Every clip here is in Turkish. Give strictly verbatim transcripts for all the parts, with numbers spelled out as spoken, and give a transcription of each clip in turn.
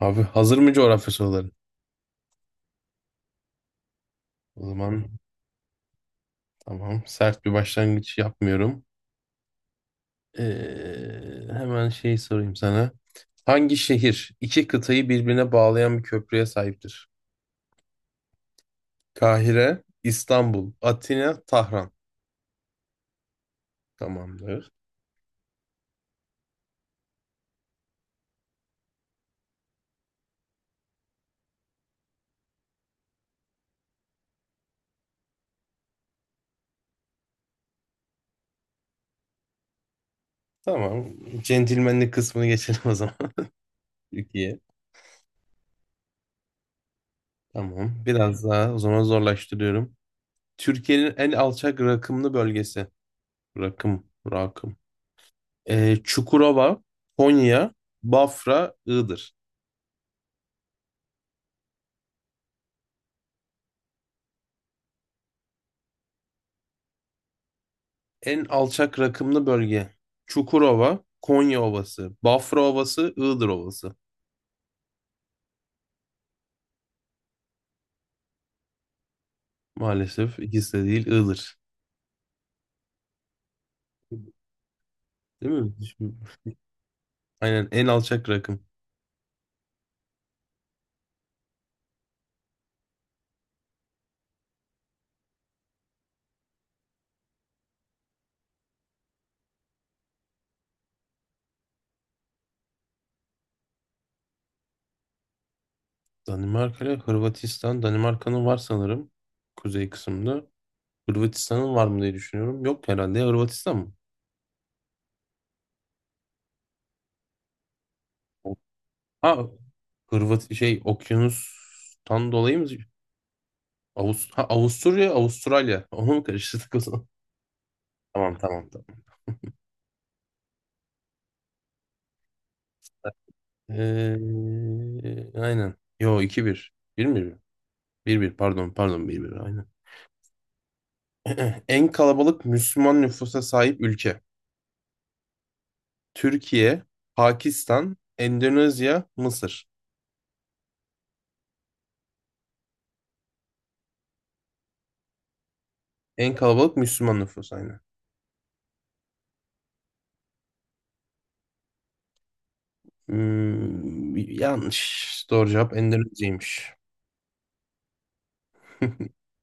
Abi hazır mı coğrafya soruları? O zaman tamam. Sert bir başlangıç yapmıyorum. Ee, hemen şey sorayım sana. Hangi şehir iki kıtayı birbirine bağlayan bir köprüye sahiptir? Kahire, İstanbul, Atina, Tahran. Tamamdır. Tamam. Centilmenlik kısmını geçelim o zaman. Türkiye. Tamam. Biraz daha o zaman zorlaştırıyorum. Türkiye'nin en alçak rakımlı bölgesi. Rakım, rakım. Ee, Çukurova, Konya, Bafra, Iğdır. En alçak rakımlı bölge. Çukurova, Konya Ovası, Bafra Ovası, Iğdır Ovası. Maalesef ikisi de değil, Iğdır. Değil mi? Şimdi- Aynen en alçak rakım. Danimarka ile Hırvatistan. Danimarka'nın var sanırım. Kuzey kısmında. Hırvatistan'ın var mı diye düşünüyorum. Yok herhalde. Ya Hırvatistan mı? Ha, Hırvat şey okyanustan dolayı mı? Avust ha, Avusturya, Avustralya. Onu mu karıştırdık o zaman? Tamam tamam. Tamam. Ee, aynen. Yo iki bir, bir 1 bir bir. 1 pardon pardon bir bir. Aynen. En kalabalık Müslüman nüfusa sahip ülke. Türkiye, Pakistan, Endonezya, Mısır. En kalabalık Müslüman nüfus aynen. Hmm, yanlış. Doğru cevap Endonezya'ymış.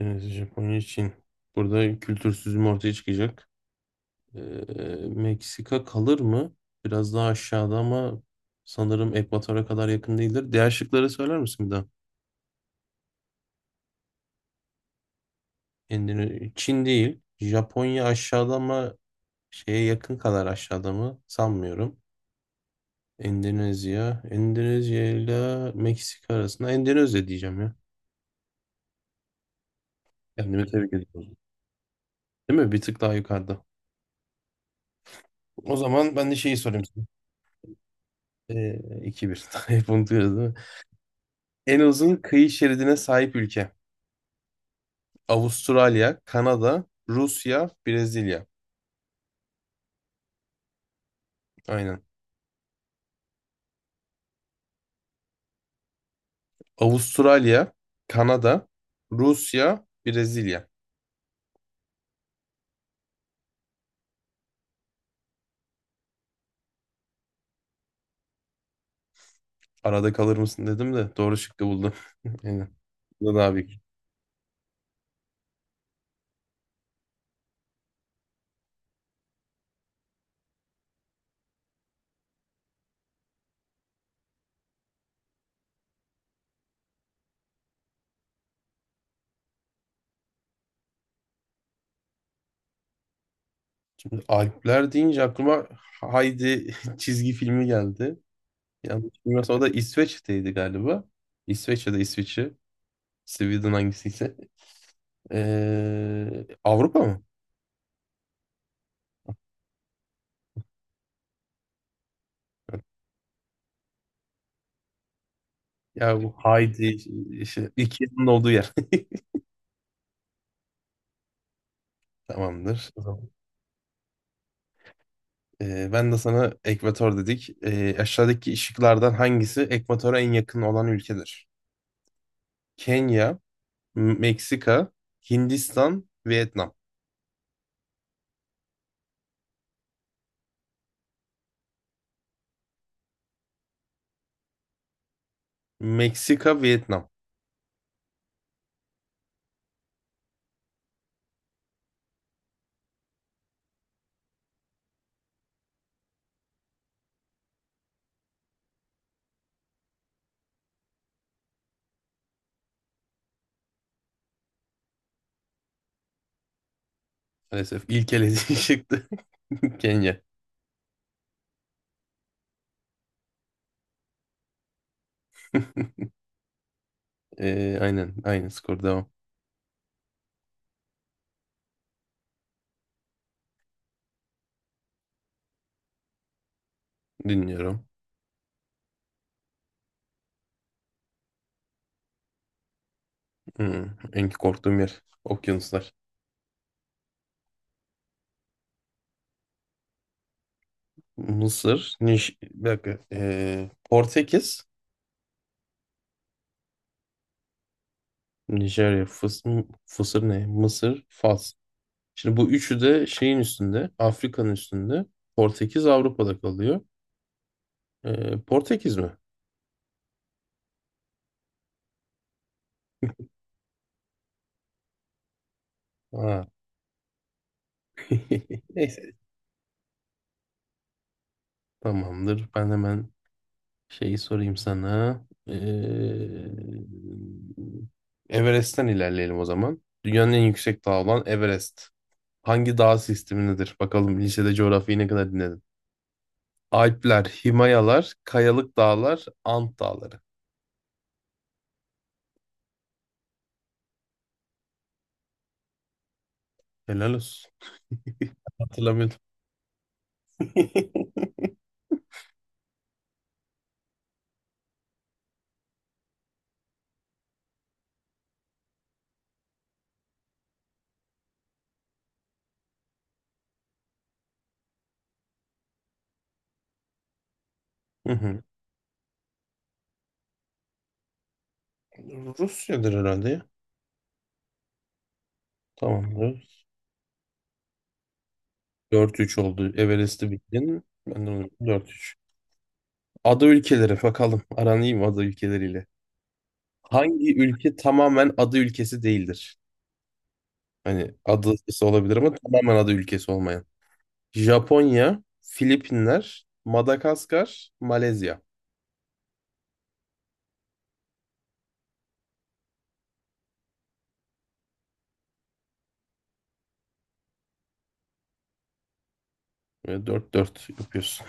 Evet, Japonya, Çin. Burada kültürsüzüm ortaya çıkacak. Ee, Meksika kalır mı? Biraz daha aşağıda ama sanırım ekvatora kadar yakın değildir. Diğer şıkları söyler misin bir daha? Endone- Çin değil. Japonya aşağıda ama şeye yakın kadar aşağıda mı? Sanmıyorum. Endonezya. Endonezya ile Meksika arasında Endonezya diyeceğim ya. Kendimi tebrik ediyorum. Değil mi? Bir tık daha yukarıda. O zaman ben de şeyi sorayım sana. Ee, iki bir. Hep unutuyoruz değil mi? En uzun kıyı şeridine sahip ülke. Avustralya, Kanada, Rusya, Brezilya. Aynen. Avustralya, Kanada, Rusya, Brezilya. Arada kalır mısın dedim de doğru şıkkı buldum. Aynen. Bu da abi. Alpler deyince aklıma Haydi çizgi filmi geldi. Yanlış bilmiyorsam o da İsveç'teydi galiba. İsveç ya da İsviçre. Sweden hangisiyse. Ee, Avrupa mı? Ya bu Haydi işte iki ikizinin olduğu yer. Tamamdır. Ee, ben de sana ekvator dedik. Ee, aşağıdaki ışıklardan hangisi ekvatora en yakın olan ülkedir? Kenya, M- Meksika, Hindistan, Vietnam. Meksika, Vietnam. Maalesef ilk elediği çıktı. Kenya. Ee, aynen, aynı skor devam. Dinliyorum. Hmm, en korktuğum yer. Okyanuslar. Mısır. Niş... Bir dakika. Ee, Portekiz, Nijerya, Fıs... Fısır ne? Mısır, Fas. Şimdi bu üçü de şeyin üstünde, Afrika'nın üstünde. Portekiz Avrupa'da kalıyor. Ee, Portekiz mi? Ha. Neyse. Tamamdır. Ben hemen şeyi sorayım sana. Ee, Everest'ten ilerleyelim o zaman. Dünyanın en yüksek dağı olan Everest. Hangi dağ sistemindedir? Bakalım lisede coğrafyayı ne kadar dinledin. Alpler, Himayalar, Kayalık Dağlar, Ant Dağları. Helal olsun. Hatırlamıyorum. Hı hı. Rusya'dır herhalde ya. Tamamdır. dört üç oldu. Everest'i bildin. Ben de onu dört üçe. Ada ülkeleri bakalım. Aran iyi mi ada ülkeleriyle? Hangi ülke tamamen ada ülkesi değildir? Hani adası olabilir ama tamamen ada ülkesi olmayan. Japonya, Filipinler, Madagaskar, Malezya. Böyle dört 4 yapıyorsun.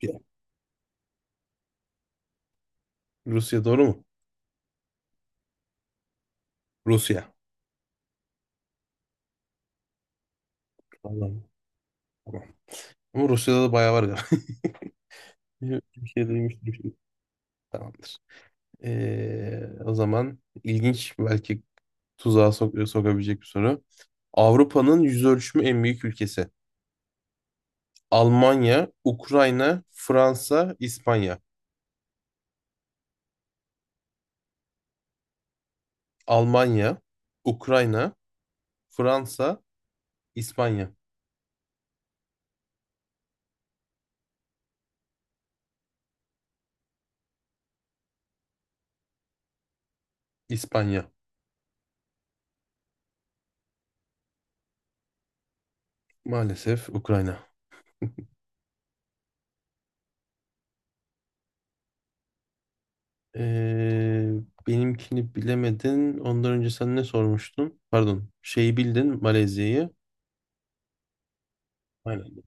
Ya, Rusya doğru mu? Rusya. Allah'ım. Tamam. Ama Rusya'da da bayağı var galiba. Bir şey duymuştum şimdi. Tamamdır. Ee, o zaman ilginç belki tuzağa sok sokabilecek bir soru. Avrupa'nın yüz ölçümü en büyük ülkesi. Almanya, Ukrayna, Fransa, İspanya. Almanya, Ukrayna, Fransa, İspanya. İspanya. Maalesef Ukrayna. Ee, benimkini bilemedin. Ondan önce sen ne sormuştun? Pardon. Şeyi bildin, Malezya'yı. Aynen.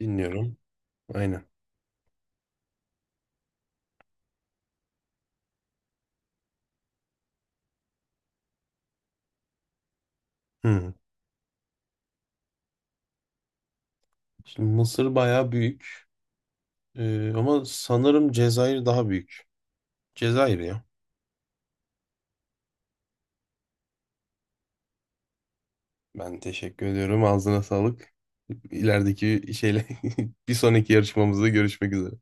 Dinliyorum. Aynen. Hı. Şimdi Mısır bayağı büyük. Ee, ama sanırım Cezayir daha büyük. Cezayir ya. Ben teşekkür ediyorum. Ağzına sağlık. İlerideki şeyle bir sonraki yarışmamızda görüşmek üzere.